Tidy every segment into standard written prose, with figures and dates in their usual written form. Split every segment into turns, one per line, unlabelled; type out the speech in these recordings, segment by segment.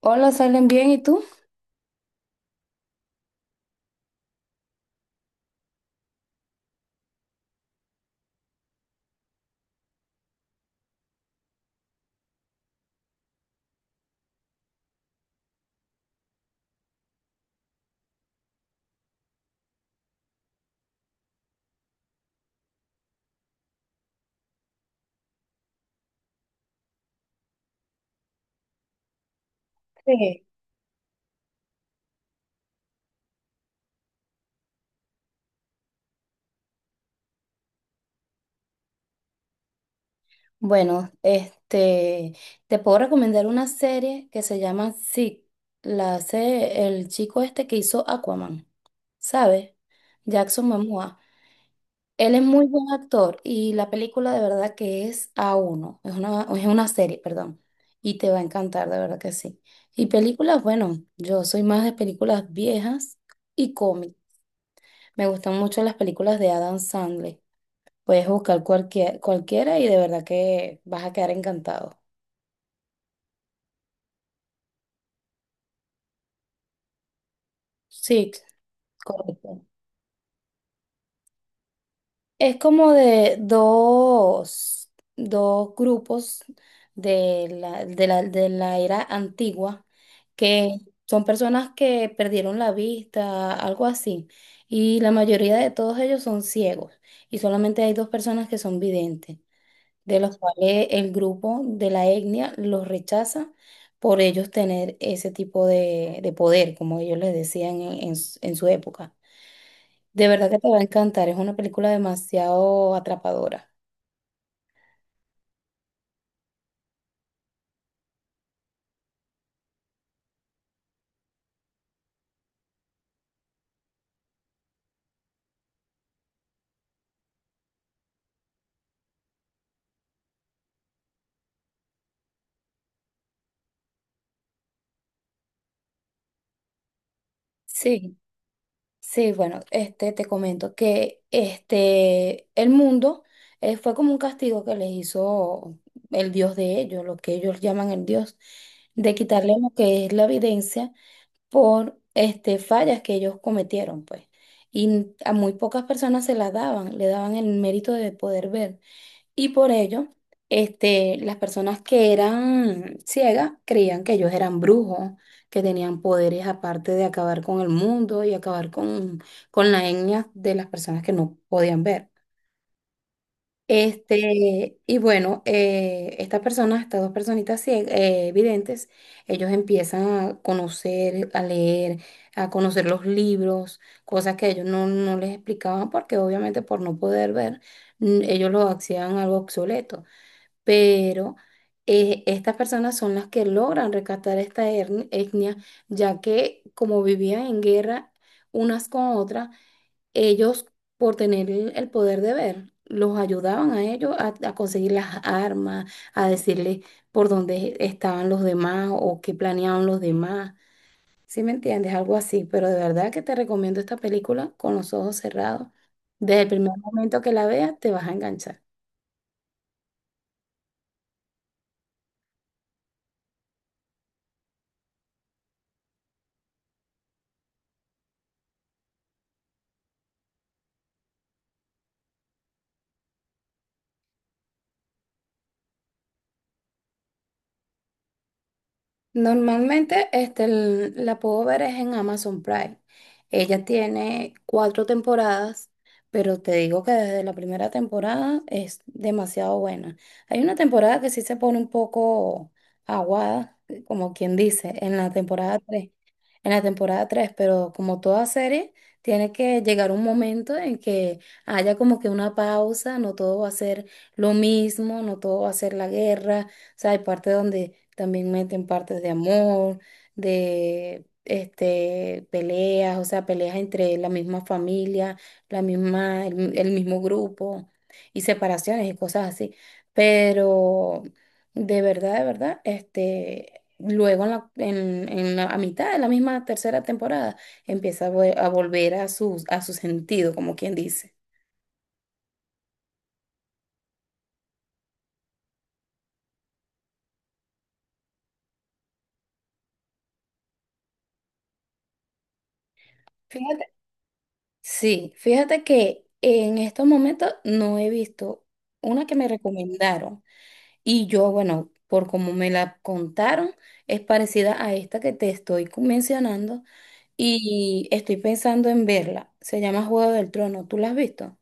Hola, ¿salen bien? ¿Y tú? Sí. Bueno, te puedo recomendar una serie que se llama Zig. La hace el chico este que hizo Aquaman, ¿sabes? Jackson Momoa. Él es muy buen actor y la película de verdad que es a uno. Es una serie, perdón. Y te va a encantar, de verdad que sí. Y películas, bueno, yo soy más de películas viejas y cómic. Me gustan mucho las películas de Adam Sandler. Puedes buscar cualquiera y de verdad que vas a quedar encantado. Sí, correcto. Es como de dos grupos de la era antigua que son personas que perdieron la vista, algo así. Y la mayoría de todos ellos son ciegos y solamente hay dos personas que son videntes, de los cuales el grupo de la etnia los rechaza por ellos tener ese tipo de poder, como ellos les decían en su época. De verdad que te va a encantar, es una película demasiado atrapadora. Sí. Sí, bueno, te comento que el mundo fue como un castigo que les hizo el Dios de ellos, lo que ellos llaman el Dios, de quitarle lo que es la evidencia por fallas que ellos cometieron, pues. Y a muy pocas personas se las daban, le daban el mérito de poder ver. Y por ello, las personas que eran ciegas creían que ellos eran brujos, que tenían poderes aparte de acabar con el mundo y acabar con la etnia de las personas que no podían ver. Y bueno, estas personas, estas dos personitas videntes, ellos empiezan a conocer, a leer, a conocer los libros, cosas que ellos no les explicaban porque obviamente por no poder ver, ellos lo hacían algo obsoleto, pero estas personas son las que logran rescatar esta etnia, ya que como vivían en guerra unas con otras, ellos por tener el poder de ver, los ayudaban a ellos a conseguir las armas, a decirles por dónde estaban los demás o qué planeaban los demás. ¿Sí me entiendes? Algo así, pero de verdad que te recomiendo esta película con los ojos cerrados. Desde el primer momento que la veas, te vas a enganchar. Normalmente la puedo ver es en Amazon Prime. Ella tiene cuatro temporadas, pero te digo que desde la primera temporada es demasiado buena. Hay una temporada que sí se pone un poco aguada, como quien dice, en la temporada tres, pero como toda serie, tiene que llegar un momento en que haya como que una pausa, no todo va a ser lo mismo, no todo va a ser la guerra. O sea, hay partes donde también meten partes de amor, de peleas, o sea, peleas entre la misma familia, el mismo grupo, y separaciones y cosas así. Pero de verdad, luego en la- a mitad de la misma tercera temporada empieza a volver a su sentido, como quien dice. Fíjate Sí, fíjate que en estos momentos no he visto una que me recomendaron y yo, bueno, por como me la contaron, es parecida a esta que te estoy mencionando y estoy pensando en verla. Se llama Juego del Trono, ¿tú la has visto?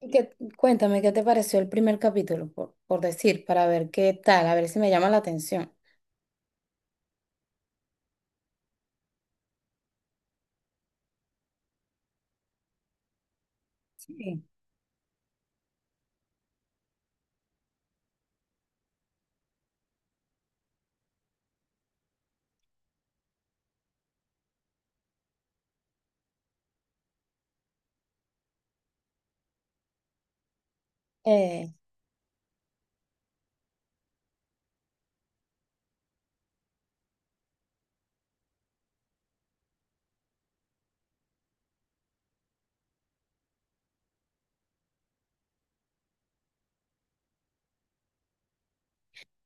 Y cuéntame qué te pareció el primer capítulo, por decir, para ver qué tal, a ver si me llama la atención. Sí.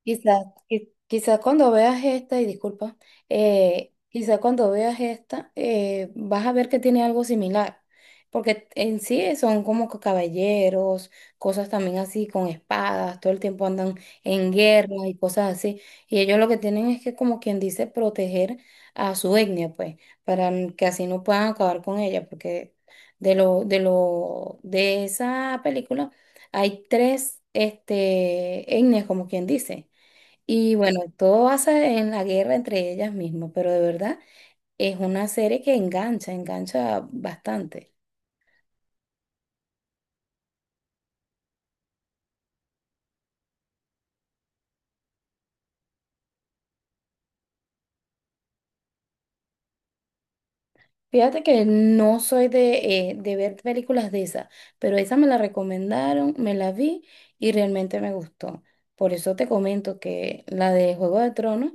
Quizás, quizás cuando veas esta, y disculpa, quizás cuando veas esta, vas a ver que tiene algo similar, porque en sí son como que caballeros, cosas también así con espadas, todo el tiempo andan en guerra y cosas así, y ellos lo que tienen es que como quien dice proteger a su etnia, pues, para que así no puedan acabar con ella, porque de esa película hay tres, etnias, como quien dice. Y bueno, todo basa en la guerra entre ellas mismas, pero de verdad es una serie que engancha bastante. Fíjate que no soy de ver películas de esas, pero esa me la recomendaron, me la vi y realmente me gustó. Por eso te comento que la de Juego de Tronos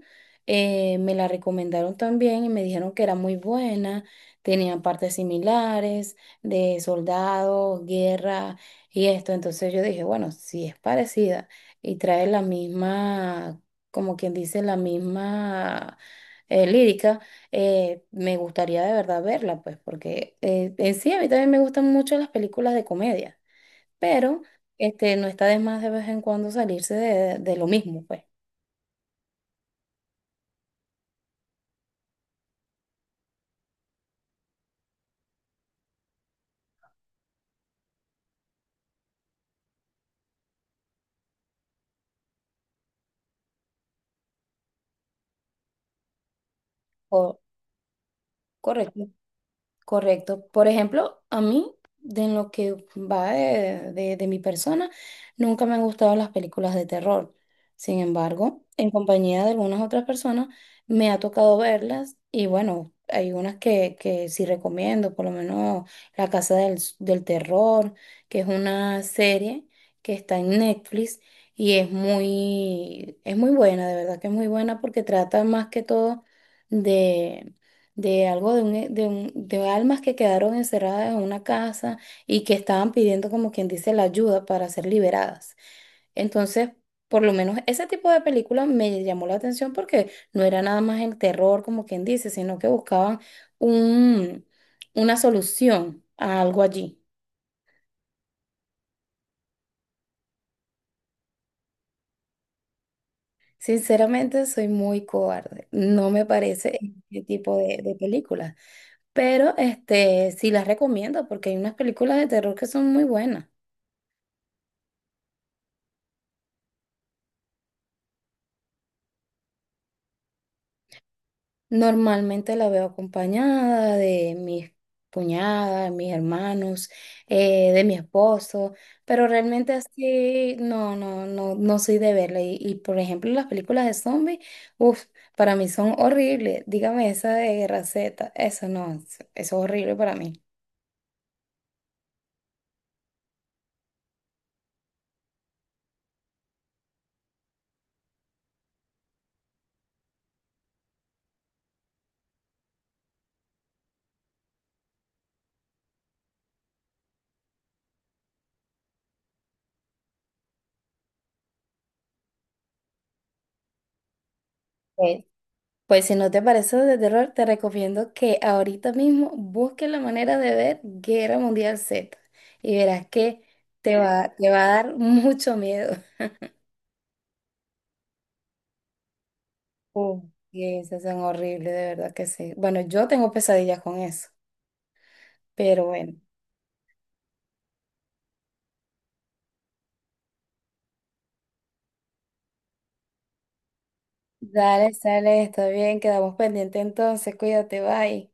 me la recomendaron también y me dijeron que era muy buena, tenía partes similares de soldados, guerra y esto. Entonces yo dije, bueno, si es parecida y trae la misma, como quien dice, la misma lírica, me gustaría de verdad verla, pues, porque en sí a mí también me gustan mucho las películas de comedia, pero no está de más de vez en cuando salirse de lo mismo, pues. O- Correcto. Correcto. Por ejemplo, a mí, de en lo que va de mi persona, nunca me han gustado las películas de terror. Sin embargo, en compañía de algunas otras personas, me ha tocado verlas y bueno, hay unas que sí recomiendo, por lo menos La Casa del Terror, que es una serie que está en Netflix y es muy buena, de verdad que es muy buena porque trata más que todo de algo de, un, e- de, un- de almas que quedaron encerradas en una casa y que estaban pidiendo, como quien dice, la ayuda para ser liberadas. Entonces, por lo menos ese tipo de película me llamó la atención porque no era nada más el terror, como quien dice, sino que buscaban un, una solución a algo allí. Sinceramente, soy muy cobarde. No me parece este tipo de películas. Pero sí las recomiendo porque hay unas películas de terror que son muy buenas. Normalmente la veo acompañada de mis cuñadas, de mis hermanos, de mi esposo, pero realmente así no soy de verla. Y, por ejemplo, las películas de zombies, uff, para mí son horribles. Dígame esa de Raceta, eso no, eso es horrible para mí. Eh, Pues si no te parece de terror, te recomiendo que ahorita mismo busques la manera de ver Guerra Mundial Z y verás que te va a dar mucho miedo. Oh. Y esas son horribles, de verdad que sí. Bueno, yo tengo pesadillas con eso, pero bueno. Dale, sale, está bien, quedamos pendientes entonces, cuídate, bye.